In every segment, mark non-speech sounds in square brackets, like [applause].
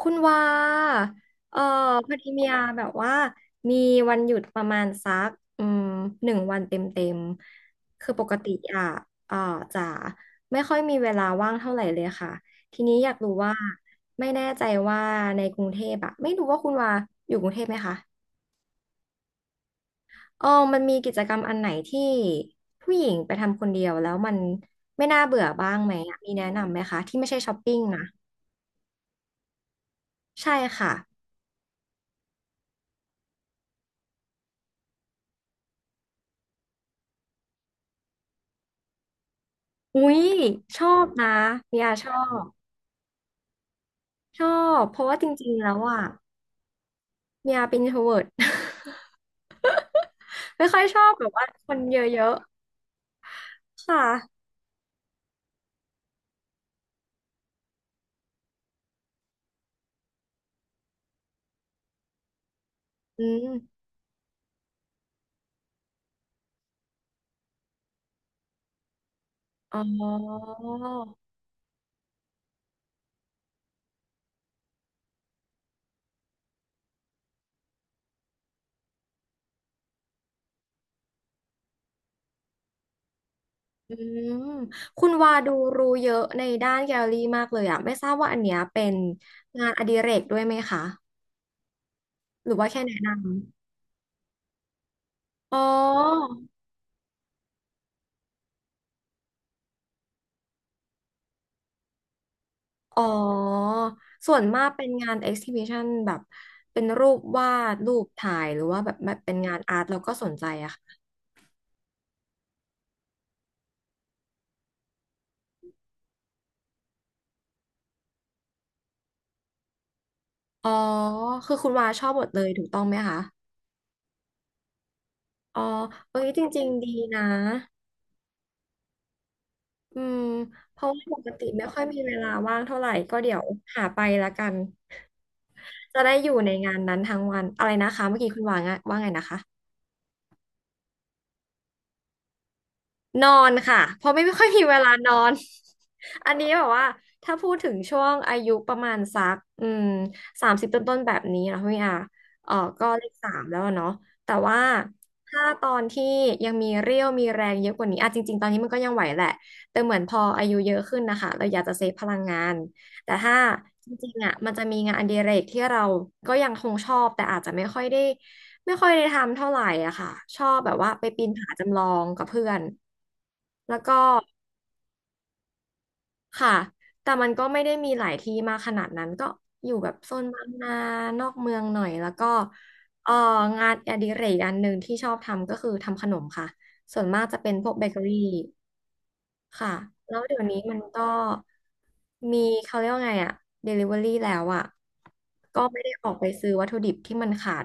คุณว่าเออพอดีเมียแบบว่ามีวันหยุดประมาณสักอืมหนึ่งวันเต็มคือปกติอ่ะเออจะไม่ค่อยมีเวลาว่างเท่าไหร่เลยค่ะทีนี้อยากรู้ว่าไม่แน่ใจว่าในกรุงเทพอะไม่รู้ว่าคุณว่าอยู่กรุงเทพไหมคะเออมันมีกิจกรรมอันไหนที่ผู้หญิงไปทำคนเดียวแล้วมันไม่น่าเบื่อบ้างไหมอะมีแนะนำไหมคะที่ไม่ใช่ช้อปปิ้งนะใช่ค่ะ อุ๊ยชอบนะเมียบชอบเพราะว่าจริงๆแล้วอ่ะเมียเป็น introvert [laughs] ไม่ค่อยชอบแบบว่าคนเยอะๆค่ะอืมอ๋ออืมคุณวาดูรู้เยอะในด้านแกลเลอรี่มากเลยอ่ะไม่ทราบว่าอันเนี้ยเป็นงานอดิเรกด้วยไหมคะหรือว่าแค่แนะนำอ๋ออ๋อส่วนมากเป็นงาน exhibition แบบเป็นรูปวาดรูปถ่ายหรือว่าแบบเป็นงานอาร์ตเราก็สนใจอะค่ะ อ๋อคือคุณวาชอบหมดเลยถูกต้องไหมคะอ๋อเอ้ยจริงๆดีนะอืมเพราะว่าปกติไม่ค่อยมีเวลาว่างเท่าไหร่ก็เดี๋ยวหาไปละกัน จะได้อยู่ในงานนั้นทั้งวันอะไรนะคะเมื่อกี้คุณวางว่าไงนะคะ นอนค่ะเพราะไม่ค่อยมีเวลานอน [laughs] อันนี้แบบว่าถ้าพูดถึงช่วงอายุประมาณสัก30ต้นต้นๆแบบนี้นะพี่อาเออก็เลขสามแล้วอะเนาะแต่ว่าถ้าตอนที่ยังมีเรี่ยวมีแรงเยอะกว่านี้อ่ะจริงๆตอนนี้มันก็ยังไหวแหละแต่เหมือนพออายุเยอะขึ้นนะคะเราอยากจะเซฟพลังงานแต่ถ้าจริงๆอ่ะมันจะมีงานอดิเรกที่เราก็ยังคงชอบแต่อาจจะไม่ค่อยได้ ไม่ค่อยได้ทำเท่าไหร่อะค่ะ ชอบแบบว่าไปปีนผาจำลองกับเพื่อนแล้วก็ค่ะ แต่มันก็ไม่ได้มีหลายที่มากขนาดนั้นก็อยู่แบบโซนบางนานอกเมืองหน่อยแล้วก็เอองานอดิเรกอันหนึ่งที่ชอบทำก็คือทำขนมค่ะส่วนมากจะเป็นพวกเบเกอรี่ค่ะ แล้วเดี๋ยวนี้มันก็มีเขาเรียกว่าไงอะ Delivery แล้วอะก็ไม่ได้ออกไปซื้อวัตถุดิบที่มันขาด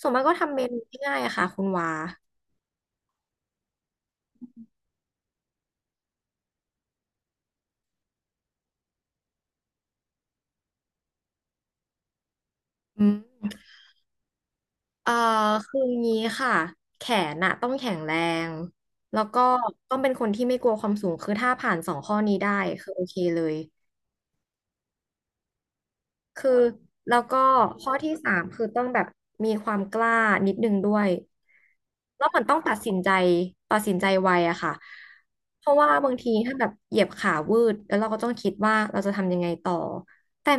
ส่วนมากก็ทำเมนูง่ายๆอะค่ะคุณวา อืมเอ่อคืองี้ค่ะ แขนน่ะต้องแข็งแรง แล้วก็ต้องเป็นคนที่ไม่กลัวความสูง คือถ้าผ่านสองข้อนี้ได้คือโอเคเลยคือแล้วก็ข้อที่สามคือต้องแบบมีความกล้านิดนึงด้วย แล้วมันต้องตัดสินใจตัดสินใจไวอะค่ะเพราะว่าบางทีถ้าแบบเหยียบขาวืดแล้วเราก็ต้องคิดว่าเราจะทำยังไงต่อ แต่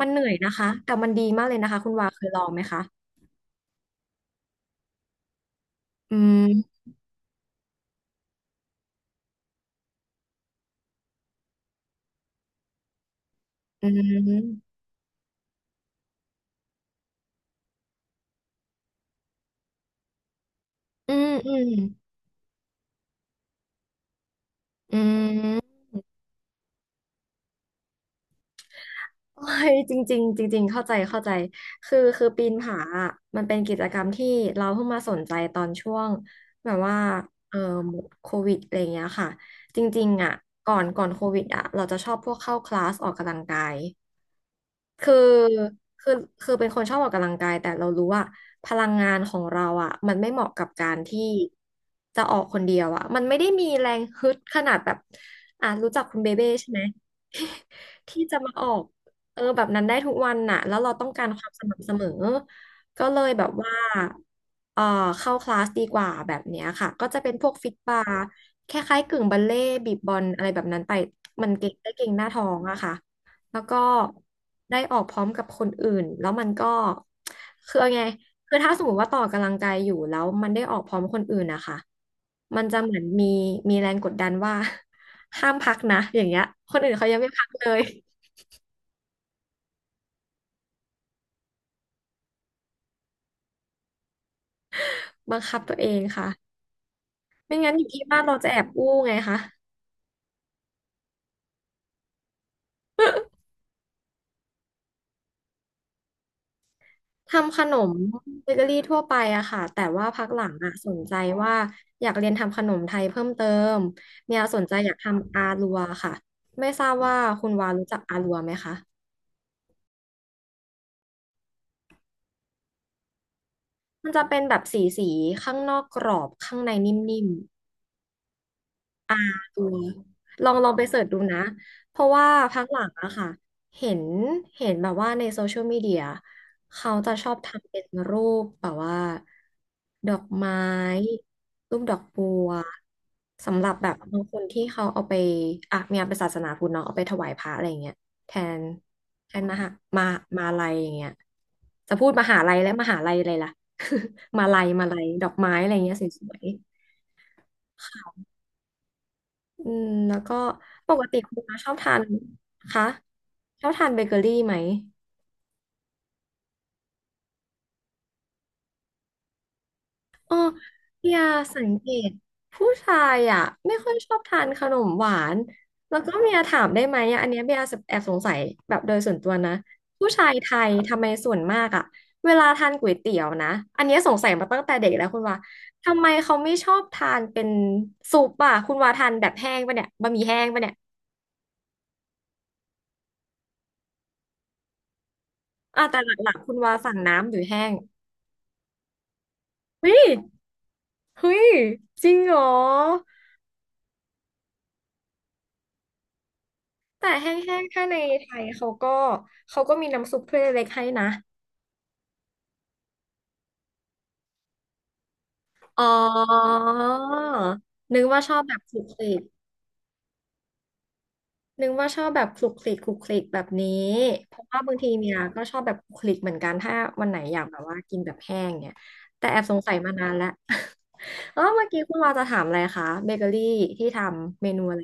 มันเหนื่อยนะคะแต่มันดีมากเลยนะคะคุณวาเคยลองไหมคะอืมอืม อืมอืมอืมโอ้ยจริงๆจริงๆเข้าใจเข้าใจคือปีนผาอะมันเป็นกิจกรรมที่เราเพิ่งมาสนใจตอนช่วงแบบว่าเออโควิดอะไรอย่างเงี้ยค่ะจริงๆอ่ะก่อนก่อนโควิดอ่ะเราจะชอบพวกเข้าคลาสออกกำลังกายคือคือคือเป็นคนชอบออกกำลังกายแต่เรารู้ว่าพลังงานของเราอ่ะมันไม่เหมาะกับการที่จะออกคนเดียวอ่ะมันไม่ได้มีแรงฮึดขนาดแบบอ่ะรู้จักคุณเบเบ้ใช่ไหม ที่จะมาออกแบบนั้นได้ทุกวันน่ะแล้วเราต้องการความสม่ำเสมอก็เลยแบบว่าเออเข้าคลาสดีกว่าแบบเนี้ยค่ะก็จะเป็นพวกฟิตบาร์คล้ายๆกึ่งบัลเล่ต์บีบบอลอะไรแบบนั้นไปมันเก่งได้เก่งหน้าท้องอะค่ะแล้วก็ได้ออกพร้อมกับคนอื่นแล้วมันก็คือเอาไงคือถ้าสมมติว่าต่อกำลังกายอยู่แล้วมันได้ออกพร้อมคนอื่นนะคะมันจะเหมือนมีมีแรงกดดันว่า [laughs] ห้ามพักนะอย่างเงี้ยคนอื่นเขายังไม่พักเลย บังคับตัวเองค่ะไม่งั้นอยู่ที่บ้านเราจะแอบอู้ไงคะทำขนมเบเกอรี่ทั่วไปอะค่ะแต่ว่าพักหลังอะสนใจว่าอยากเรียนทำขนมไทยเพิ่มเติมเนี่ยสนใจอยากทำอาลัวค่ะไม่ทราบว่าคุณวารู้จักอาลัวไหมคะมันจะเป็นแบบสีสีข้างนอกกรอบข้างในนิ่ม เออลองไปเสิร์ชดูนะเพราะว่าพักหลังอะค่ะเห็นเห็นแบบว่าในโซเชียลมีเดียเขาจะชอบทำเป็นรูปแบบว่าดอกไม้รูปดอกบัวสำหรับแบบบางคนที่เขาเอาไปอ่ะมีงานเป็นศาสนาพุทธเนาะเอาไปถวายพระอะไรเงี้ยแทนแทนมหามามาลัยอย่างเงี้ยจะพูดมหาลัยและมหาลัยอะไรล่ะ [laughs] มาลัยมาลัยดอกไม้อะไรเงี้ยสวยๆค่ะ อืมแล้วก็ปกติคุณน้าชอบทานคะชอบทานเบเกอรี่ไหมเนี่ยสังเกตผู้ชายอ่ะไม่ค่อยชอบทานขนมหวานแล้วก็เมียถามได้ไหมอะอันเนี้ยเบียร์แอบสงสัยแบบโดยส่วนตัวนะผู้ชายไทยทำไมส่วนมากอ่ะเวลาทานก๋วยเตี๋ยวนะอันเนี้ยสงสัยมาตั้งแต่เด็กแล้วคุณว่าทำไมเขาไม่ชอบทานเป็นซุปอ่ะคุณว่าทานแบบแห้งปะเนี่ยบะหมี่แห้งปะเนี่ยอ่ะแต่หลักๆคุณว่าสั่งน้ำหรือแห้งเฮ้ย เฮ้ยจริงเหรอแต่แห้งๆถ้าในไทยเขาก็เขาก็มีน้ำซุปถ้วยเล็กๆให้นะอ๋อนึกว่าชอบแบบคลุกคลิกนึกว่าชอบแบบคลุกคลิกคลุกคลิกแบบนี้เพราะว่าบางทีเมียก็ชอบแบบคลุกคลิกเหมือนกันถ้าวันไหนอยากแบบว่ากินแบบแห้งเนี่ยแต่แอบสงสัยมานานแล้ว [laughs] เออเมื่อกี้คุณเราจะถามอะไรคะเบเกอรี่ที่ทำเมนูอะไร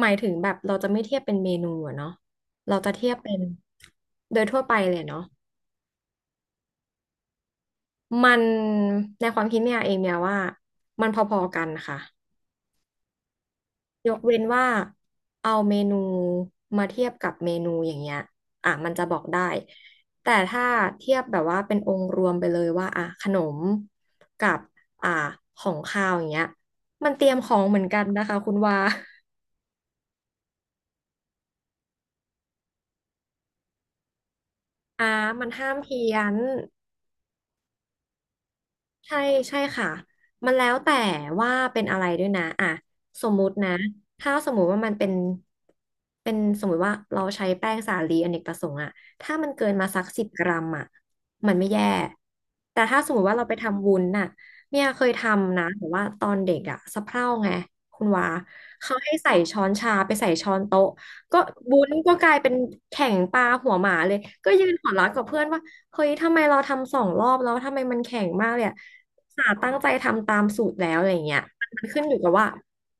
หมายถึงแบบเราจะไม่เทียบเป็นเมนูอะเนาะเราจะเทียบเป็นโดยทั่วไปเลยเนาะ มันในความคิดเนี่ยเองเนี่ยว่ามันพอๆกันค่ะยกเว้นว่าเอาเมนูมาเทียบกับเมนูอย่างเงี้ยอ่ะมันจะบอกได้แต่ถ้าเทียบแบบว่าเป็นองค์รวมไปเลยว่าอ่ะขนมกับอ่ะของคาวอย่างเงี้ยมันเตรียมของเหมือนกันนะคะคุณว่าอ่ามันห้ามเพี้ยน ใช่ใช่ค่ะมันแล้วแต่ว่าเป็นอะไรด้วยนะอ่ะสมมุตินะถ้าสมมุติว่ามันเป็นเป็นสมมุติว่าเราใช้แป้งสาลีอเนกประสงค์อะถ้ามันเกินมาสัก10 กรัมอะมันไม่แย่แต่ถ้าสมมุติว่าเราไปทำวุ้นน่ะเนี่ยเคยทำนะแต่ว่าตอนเด็กอะสะเพร่าไงคุณวาเขาให้ใส่ช้อนชาไปใส่ช้อนโต๊ะก็วุ้นก็กลายเป็นแข่งปลาหัวหมาเลยก็ยืนหัวเราะกับเพื่อนว่า เฮ้ยทำไมเราทำ2 รอบแล้วทำไมมันแข็งมากเลยอะสาตั้งใจทำตามสูตรแล้วอะไรเงี้ยมันขึ้นอยู่กับว่า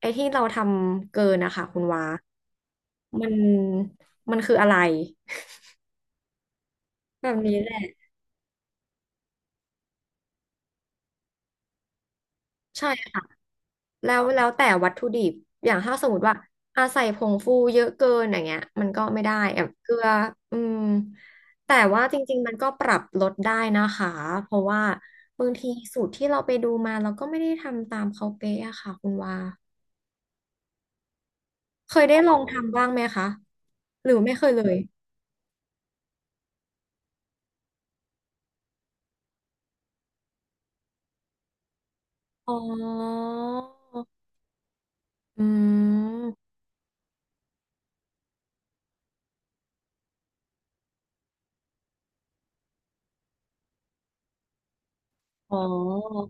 ไอ้ที่เราทำเกินนะคะคุณวามันมันคืออะไรแบบนี้แหละ ใช่ค่ะ แล้วแล้วแต่วัตถุดิบอย่างถ้าสมมติว่าอาใส่ผงฟูเยอะเกินอย่างเงี้ยมันก็ไม่ได้แบบเกลืออืมแต่ว่าจริงๆมันก็ปรับลดได้นะคะ เพราะว่าบางทีสูตรที่เราไปดูมาเราก็ไม่ได้ทำตามเขาเป๊ะอะค่ะคุณวา เคยได้ลองทำบ้างไหมคะ หรือไม่เคยเลยอ๋ออืมอ๋อ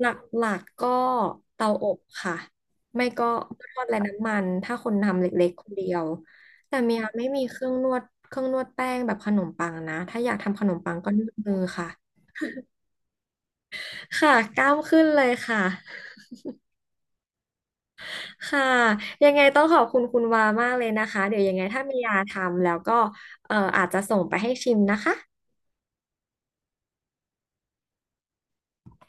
หลักๆกก็เตาอบค่ะ ไม่ก็ทอดไร้น้ำมันถ้าคนทำเล็กๆคนเดียวแต่เมียไม่มีเครื่องนวดเครื่องนวดแป้งแบบขนมปังนะถ้าอยากทำขนมปังก็นวดมือค่ะค่ะกล้ามขึ้นเลยค่ะค่ะยังไงต้องขอบคุณคุณวามากเลยนะคะ เดี๋ยวยังไงถ้ามียาทำแล้วก็อาจจะส่งไปให้ชิมนะคะ